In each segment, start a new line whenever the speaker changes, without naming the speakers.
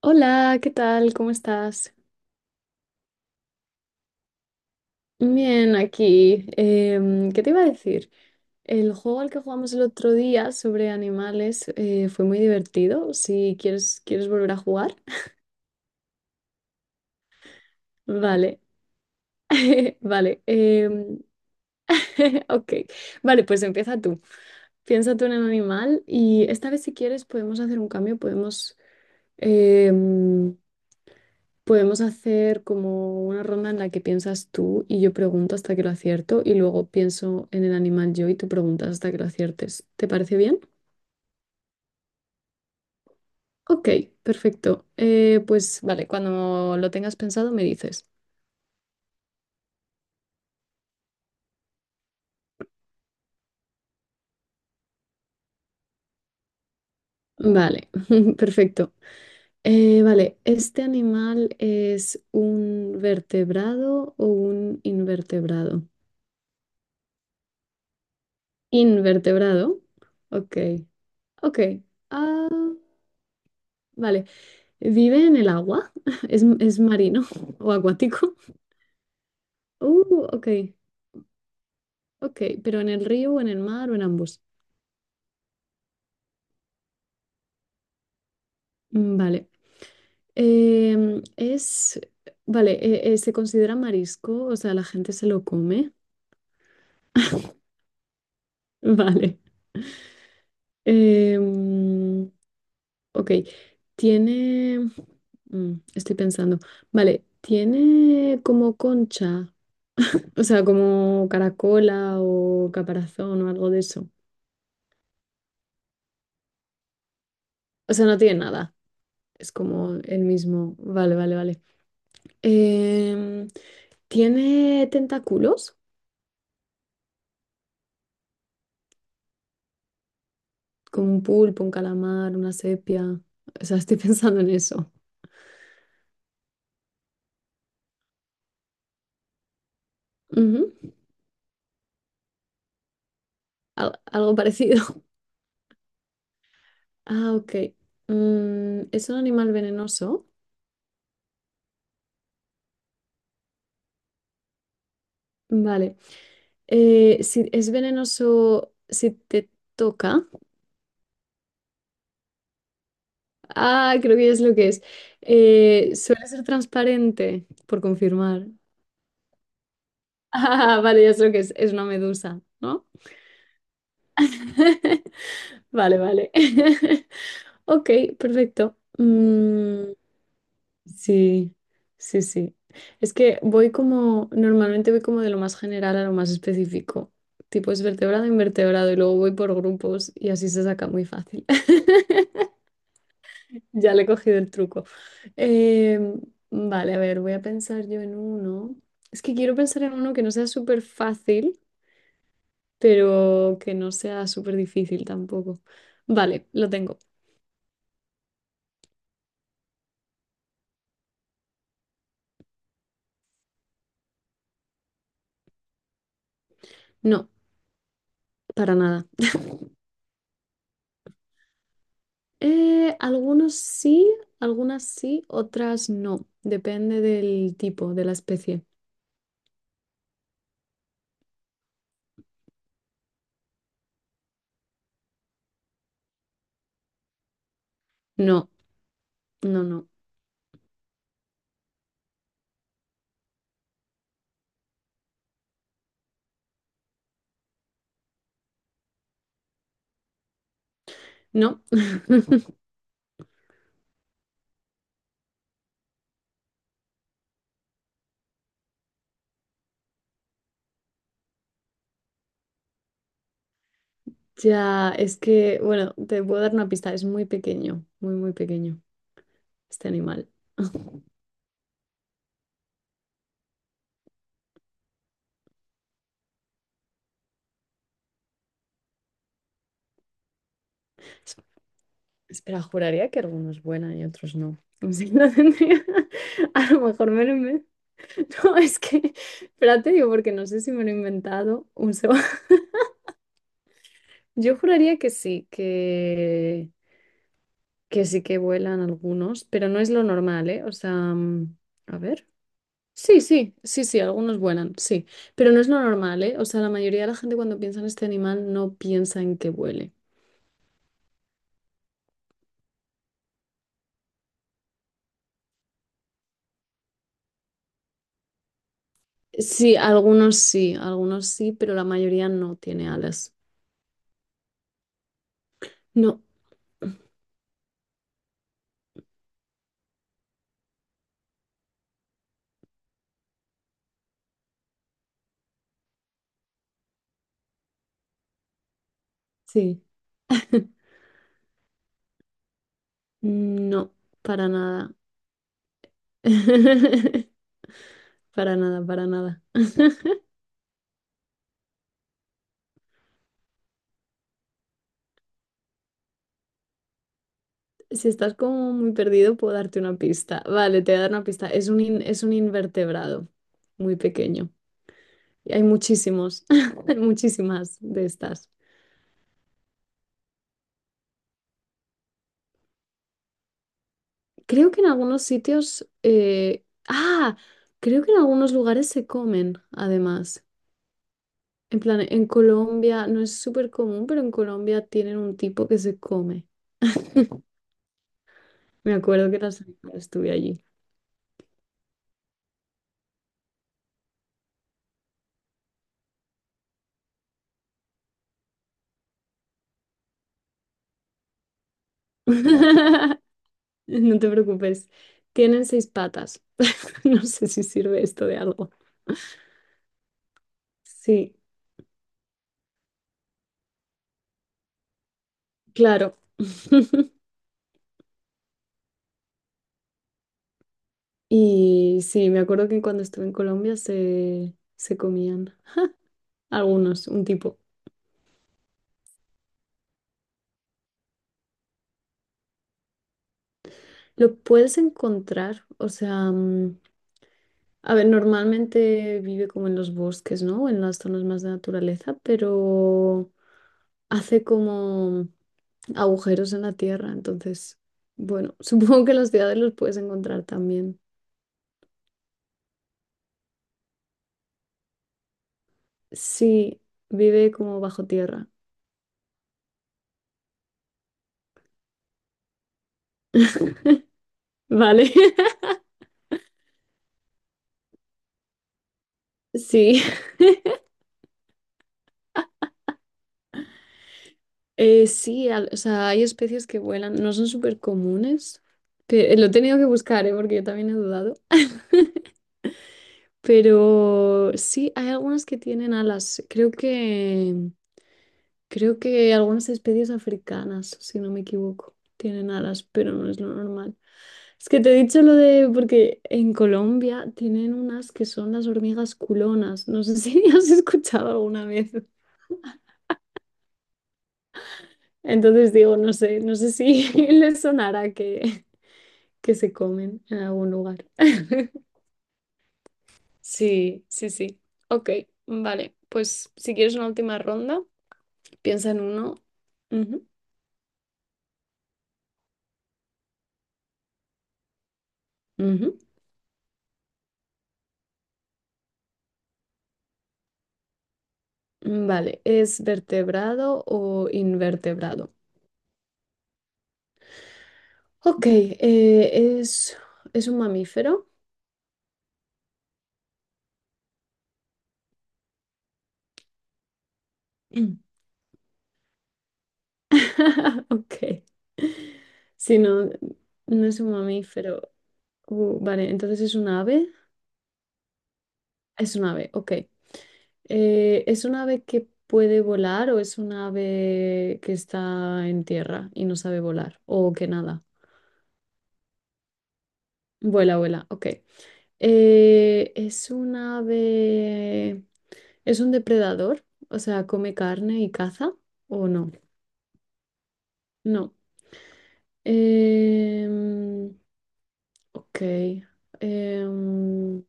Hola, ¿qué tal? ¿Cómo estás? Bien, aquí. ¿Qué te iba a decir? El juego al que jugamos el otro día sobre animales fue muy divertido. Si quieres, ¿quieres volver a jugar? Vale, vale. ok, vale, pues empieza tú. Piensa tú en un animal y esta vez si quieres podemos hacer un cambio, em, Podemos hacer como una ronda en la que piensas tú y yo pregunto hasta que lo acierto y luego pienso en el animal yo y tú preguntas hasta que lo aciertes. ¿Te parece bien? Ok, perfecto. Pues vale, cuando lo tengas pensado me dices. Vale, perfecto. Vale, ¿este animal es un vertebrado o un invertebrado? Invertebrado. Ok, ok. Ah, vale. Vive en el agua, es marino o acuático. Ok, ok, pero ¿en el río o en el mar o en ambos? Mm, vale. Em, es, vale, se considera marisco, o sea, la gente se lo come. Vale. Em, ok, tiene, estoy pensando, vale, tiene como concha, o sea, como caracola o caparazón o algo de eso. O sea, no tiene nada. Es como el mismo. Vale, vale, vale. Em, ¿Tiene tentáculos? Como un pulpo, un calamar, una sepia. O sea, estoy pensando en eso. Ujú. Algo parecido. Ah, ok. Mm, ¿es un animal venenoso? Vale. Si es venenoso si te toca. Ah, creo que es lo que es. Suele ser transparente, por confirmar. Ah, vale, ya es lo que es. Es una medusa, ¿no? Vale, vale. Ok, perfecto. Mm, sí, sí, sí. Es que voy como, normalmente voy como de lo más general a lo más específico. Tipo, es vertebrado, invertebrado y luego voy por grupos y así se saca muy fácil. Ya le he cogido el truco. Em, vale, a ver, voy a pensar yo en uno. Es que quiero pensar en uno que no sea súper fácil, pero que no sea súper difícil tampoco. Vale, lo tengo. No, para nada. Algunos sí, algunas sí, otras no. Depende del tipo, de la especie. No, no. No. Ya, es que, bueno, te puedo dar una pista. Es muy pequeño, muy, muy pequeño este animal. Es- Espera, juraría que algunos buena y otros no. Sí, lo tendría. A lo mejor me lo inven- No, es que, espérate, digo, porque no sé si me lo he inventado un segundo. Yo juraría que sí, que sí que vuelan algunos, pero no es lo normal, ¿eh? O sea, a ver. Sí, sí, sí, sí, algunos vuelan, sí, pero no es lo normal, ¿eh? O sea, la mayoría de la gente cuando piensa en este animal no piensa en que vuele. Sí, algunos sí, algunos sí, pero la mayoría no tiene alas. No, sí, no, para nada. Para nada, para nada. Si estás como muy perdido, puedo darte una pista. Vale, te voy a dar una pista. Es un, es un invertebrado muy pequeño. Y hay muchísimos, hay muchísimas de estas. Creo que en algunos sitios, creo que en algunos lugares se comen, además. En plan, en Colombia no es súper común, pero en Colombia tienen un tipo que se come. Me acuerdo que la semana estuve allí. No te preocupes. Tienen seis patas. No sé si sirve esto de algo. Sí, claro. Y sí, me acuerdo que cuando estuve en Colombia se comían algunos, un tipo. Lo puedes encontrar, o sea, a ver, normalmente vive como en los bosques, ¿no? En las zonas más de naturaleza, pero hace como agujeros en la tierra, entonces, bueno, supongo que en las ciudades los puedes encontrar también. Sí, vive como bajo tierra, ¿vale? Sí. Sí, o sea, hay especies que vuelan, no son súper comunes, pero lo he tenido que buscar, ¿eh? Porque yo también he dudado. Pero sí, hay algunas que tienen alas. Creo que algunas especies africanas, si no me equivoco, tienen alas, pero no es lo normal. Es que te he dicho lo de, porque en Colombia tienen unas que son las hormigas culonas. No sé si has escuchado alguna vez. Entonces digo, no sé, no sé si les sonará que se comen en algún lugar. Sí, sí, sí. Ok, vale. Pues si quieres una última ronda, piensa en uno. Ujú, ujú. Vale, ¿es vertebrado o invertebrado? Ok, es un mamífero. Mm. Ok. Si no, no es un mamífero. Vale, entonces es un ave. Es un ave, ok. ¿Es un ave que puede volar o es un ave que está en tierra y no sabe volar o que nada? Vuela, vuela, ok. Eh, ¿es un ave... ¿Es un depredador? O sea, ¿come carne y caza o no? No. Em, ok. Em,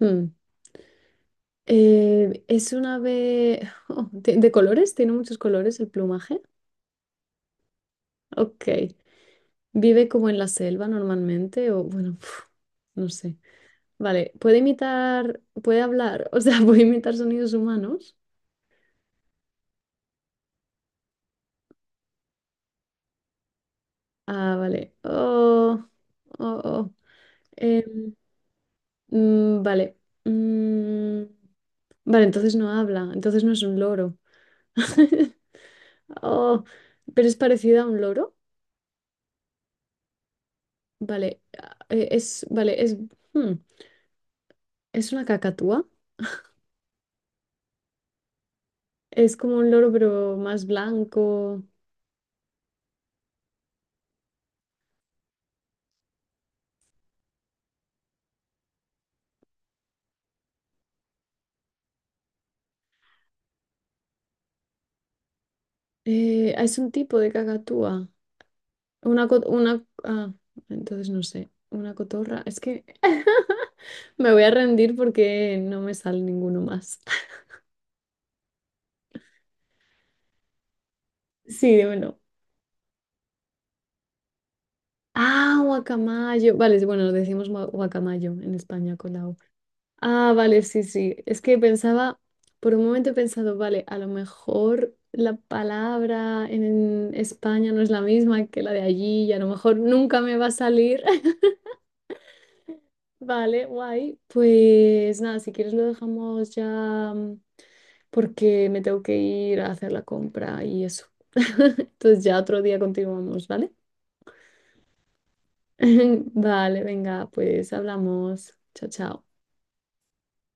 hmm. ¿Es un ave de colores? ¿Tiene muchos colores el plumaje? Ok. Vive como en la selva normalmente o bueno, no sé. Vale, puede imitar, puede hablar, o sea, puede imitar sonidos humanos. Ah, vale. Oh, oh, oh. Em, vale. Mm, vale, entonces no habla, entonces no es un loro. Oh, pero es parecida a un loro. Vale, hmm, es una cacatúa. Es como un loro, pero más blanco. Es un tipo de cacatúa. Una, co- una, ah, entonces no sé, una cotorra. Es que me voy a rendir porque no me sale ninguno más. Sí, dímelo. Ah, guacamayo. Vale, bueno, decimos guacamayo en España con la O. Ah, vale, sí, sí. Es que pensaba, por un momento he pensado, vale, a lo mejor la palabra en España no es la misma que la de allí y a lo mejor nunca me va a salir. Vale, guay. Pues nada, si quieres lo dejamos ya porque me tengo que ir a hacer la compra y eso. Entonces ya otro día continuamos, ¿vale? Vale, venga, pues hablamos. Chao, chao.